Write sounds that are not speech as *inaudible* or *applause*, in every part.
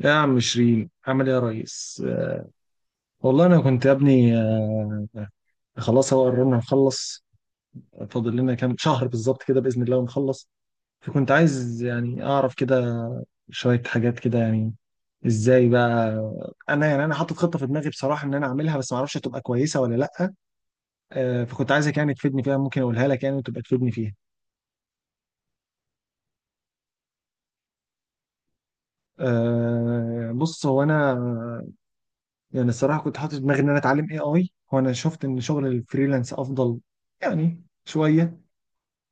يا عم شيرين، عامل ايه يا ريس؟ والله انا كنت يا ابني. خلاص هو قررنا نخلص. فاضل لنا كام شهر بالظبط كده باذن الله ونخلص. فكنت عايز يعني اعرف كده شويه حاجات كده يعني ازاي بقى. انا يعني انا حاطط خطه في دماغي بصراحه ان انا اعملها، بس ما اعرفش هتبقى كويسه ولا لا. فكنت عايزك يعني تفيدني فيها، ممكن اقولها لك يعني وتبقى تفيدني فيها. بص هو انا يعني الصراحه كنت حاطط في دماغي ان انا اتعلم اي اي، وانا شفت ان شغل الفريلانس افضل يعني شويه.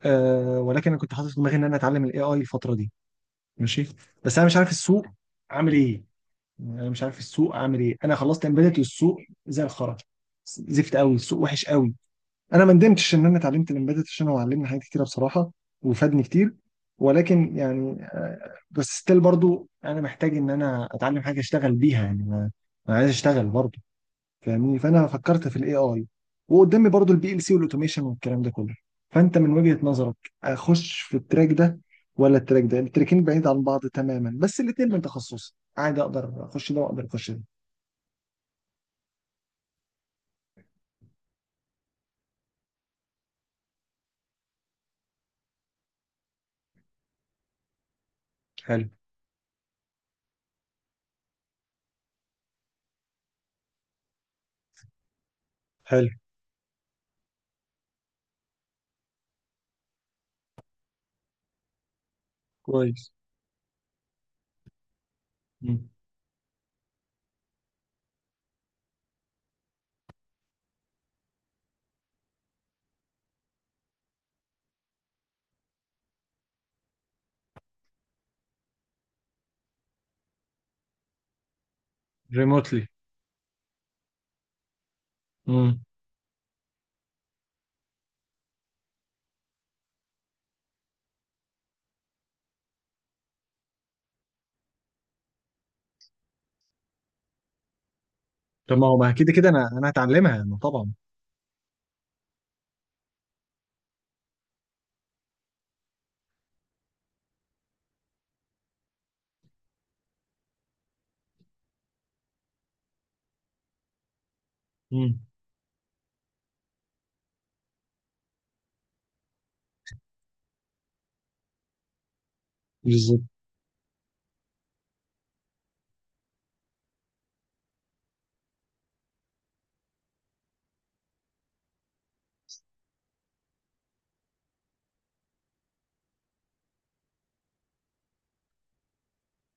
ولكن انا كنت حاطط في دماغي ان انا اتعلم الاي اي الفتره دي. ماشي. بس انا مش عارف السوق عامل ايه. يعني انا مش عارف السوق عامل ايه، انا خلصت امبيدت والسوق زي الخرا، زفت قوي، السوق وحش قوي. انا ما ندمتش ان انا اتعلمت الامبيدت عشان هو علمني حاجات كتيره بصراحه، وفادني كتير. ولكن يعني بس ستيل برضو انا محتاج ان انا اتعلم حاجه اشتغل بيها يعني. انا، أنا عايز اشتغل برضو فاهمني. فانا فكرت في الاي اي، وقدامي برضو البي ال سي والاوتوميشن والكلام ده كله. فانت من وجهة نظرك، اخش في التراك ده ولا التراك ده؟ التراكين بعيد عن بعض تماما، بس الاثنين من تخصصي عادي، اقدر اخش ده واقدر اخش ده. حلو. حلو. كويس. مم. ريموتلي. امم طب ما هو ما كده كده انا انا هتعلمها يعني طبعا. امم. بالظبط.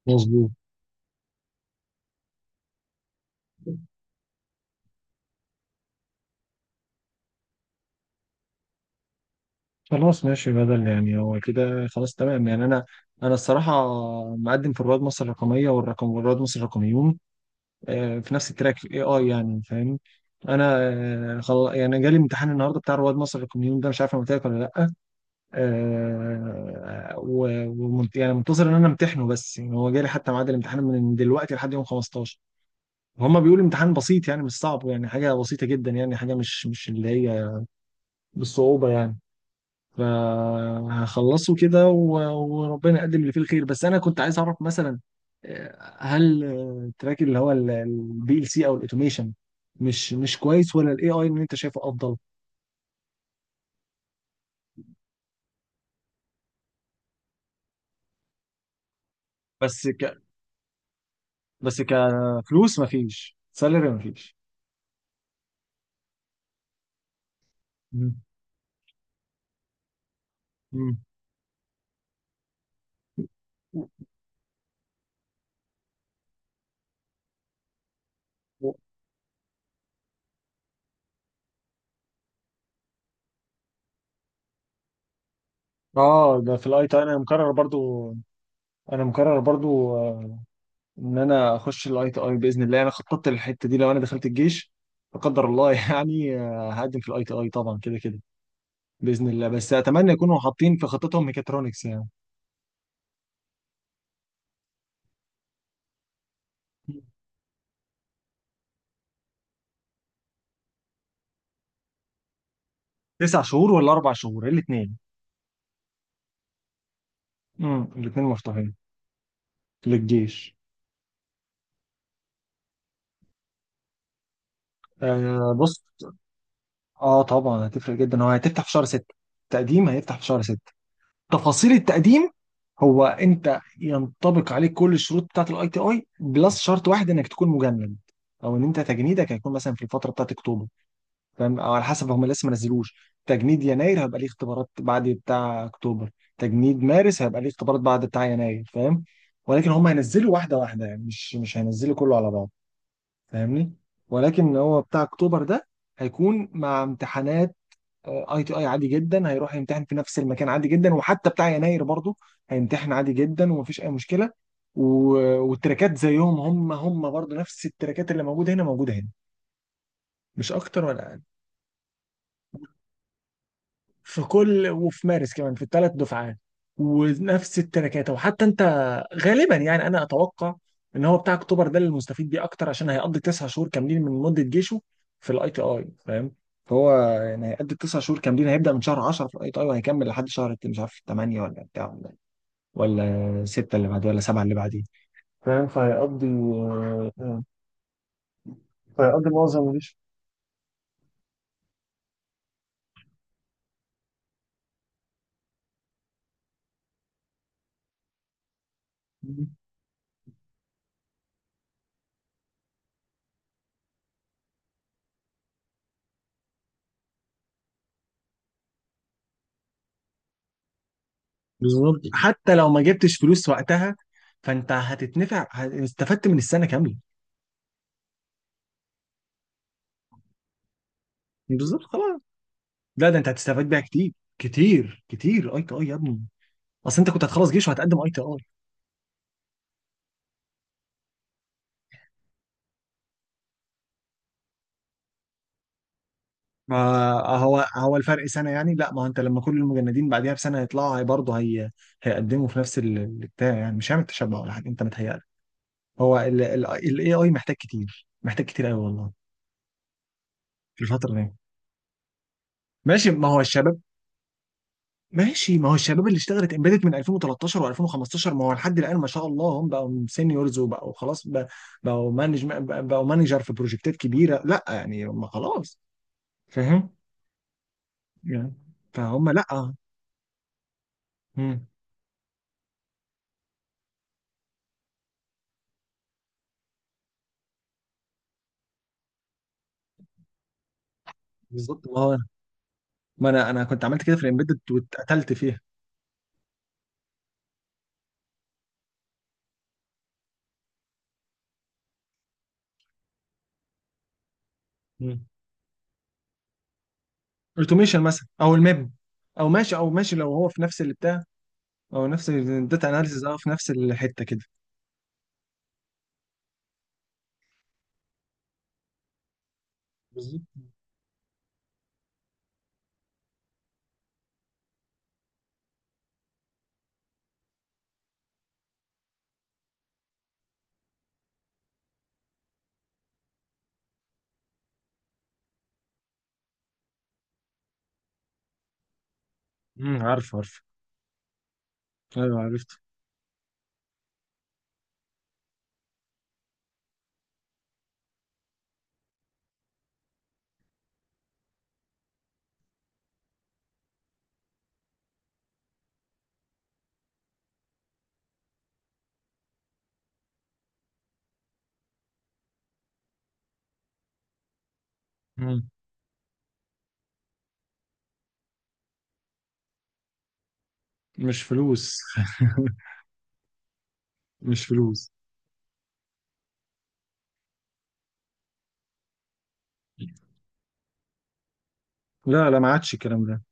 مظبوط. خلاص ماشي، بدل يعني هو كده خلاص تمام يعني. انا، انا الصراحه مقدم في رواد مصر الرقميه، رواد مصر الرقميون، في نفس التراك في الاي اي يعني فاهم. انا يعني جالي امتحان النهارده بتاع رواد مصر للكوميون ده، مش عارف انا قلت لك ولا لا. يعني منتظر ان انا امتحنه، بس يعني هو جالي حتى ميعاد الامتحان من دلوقتي لحد يوم 15. هما بيقولوا امتحان بسيط يعني مش صعب، يعني حاجه بسيطه جدا، يعني حاجه مش اللي هي بالصعوبه يعني. فهخلصه كده وربنا يقدم اللي فيه الخير. بس انا كنت عايز اعرف مثلا هل التراك اللي هو البي ال سي او الاوتوميشن مش كويس، ولا الاي اي اللي انت شايفه افضل؟ بس ك بس كفلوس، مفيش سالري مفيش. مم. مم. و- و- اه ده في الاي تي، انا مكرر برضو. انا مكرر برضو ان انا اخش الاي تي اي باذن الله. انا خططت للحته دي لو انا دخلت الجيش لا قدر الله *laughs* يعني. هقدم في الاي تي اي طبعا كده كده باذن الله، بس اتمنى يكونوا حاطين في خطتهم ميكاترونكس يعني. 9 شهور ولا 4 شهور الاثنين. الاثنين مفتوحين. للجيش. بص. اه طبعا هتفرق جدا. هو هتفتح في شهر 6، التقديم هيفتح في شهر 6. تفاصيل التقديم، هو انت ينطبق عليك كل الشروط بتاعه الاي تي اي، بلس شرط واحد انك تكون مجند او ان انت تجنيدك هيكون مثلا في الفتره بتاعت اكتوبر، فاهم؟ او على حسب هم لسه ما نزلوش. تجنيد يناير هيبقى ليه اختبارات بعد بتاع اكتوبر، تجنيد مارس هيبقى ليه اختبارات بعد بتاع يناير فاهم؟ ولكن هم هينزلوا واحده واحده، يعني مش هينزلوا كله على بعض فاهمني. ولكن هو بتاع اكتوبر ده هيكون مع امتحانات اي تي اي عادي جدا، هيروح يمتحن في نفس المكان عادي جدا، وحتى بتاع يناير برضه هيمتحن عادي جدا ومفيش اي مشكله. والتراكات زيهم، هم برضه نفس التراكات اللي موجوده هنا موجوده هنا، مش اكتر ولا اقل. في كل وفي مارس كمان، في الثلاث دفعات ونفس التراكات. وحتى انت غالبا يعني انا اتوقع ان هو بتاع اكتوبر ده اللي مستفيد بيه اكتر، عشان هيقضي 9 شهور كاملين من مده جيشه في الاي تي اي فاهم. فهو يعني هيقضي 9 شهور كاملين، هيبدا من شهر 10 في الاي تي اي وهيكمل لحد شهر مش عارف 8 ولا بتاع ولا ولا 6 اللي بعديه ولا 7 اللي بعديه فاهم. فهيقضي فهيقضي معظم الجيش. بالظبط، حتى لو ما جبتش فلوس وقتها فانت هتتنفع، استفدت من السنه كامله. بالظبط خلاص. لا ده انت هتستفاد بيها كتير، كتير كتير. اي تي اي يا ابني، اصل انت كنت هتخلص جيش وهتقدم اي تي اي. ما هو الفرق سنه يعني. لا، ما هو انت لما كل المجندين بعديها بسنه هيطلعوا، هي برضه هيقدموا في نفس البتاع، يعني مش هيعمل تشبع ولا حاجه، انت متهيألك. هو الاي اي محتاج كتير، محتاج كتير قوي والله في الفتره دي. ماشي. ما هو الشباب. ماشي، ما هو الشباب اللي اشتغلت امبيدد من 2013 و2015 ما هو لحد الان ما شاء الله هم بقوا سينيورز وبقوا خلاص بقوا مانجر في بروجكتات كبيره، لا يعني هم خلاص فاهم يعني. فهم لا. مم. بالظبط، ما هو ما انا كنت عملت كده في الامبيدد واتقتلت فيها. اوتوميشن مثلا او الميم، او ماشي لو هو في نفس اللي بتاع، او نفس الداتا اناليسيز اه، في نفس الحته كده. بالظبط. امم. عارف عارف. ايوه عرفت. مم. مش فلوس *laughs* مش فلوس. لا لا، ما عادش الكلام ده.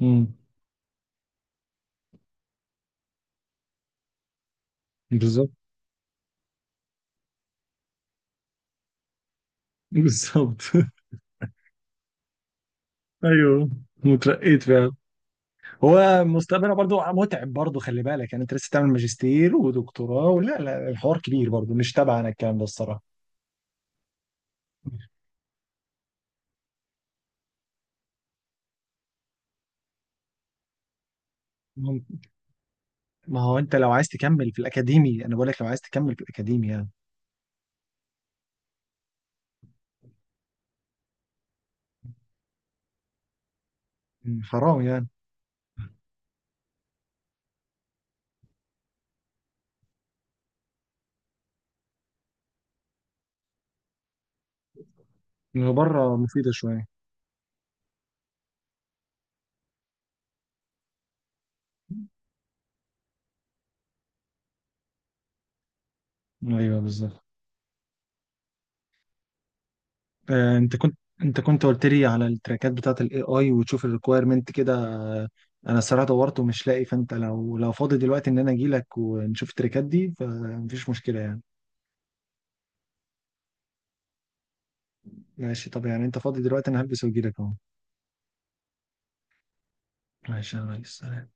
امم. بالظبط. بالظبط *laughs* ايوه، وترقيت فعلا. هو مستقبلها برضو متعب برضو، خلي بالك يعني، انت لسه تعمل ماجستير ودكتوراه ولا لا؟ الحوار كبير برضو، مش تبعنا الكلام ده الصراحه. مم. ما هو انت لو عايز تكمل في الاكاديمي، انا بقول لك لو عايز تكمل في الاكاديمي يعني. مم. حرام يعني. إنه بره مفيده شويه. ايوه بالظبط. انت كنت قلت لي على التراكات بتاعت الاي اي وتشوف الريكويرمنت كده. انا الصراحه دورت ومش لاقي، فانت لو فاضي دلوقتي ان انا اجي لك ونشوف التراكات دي فمفيش مشكله يعني. ماشي، طب يعني انت فاضي دلوقتي، انا هلبس واجي لك اهو. ماشي يا ريس، سلام.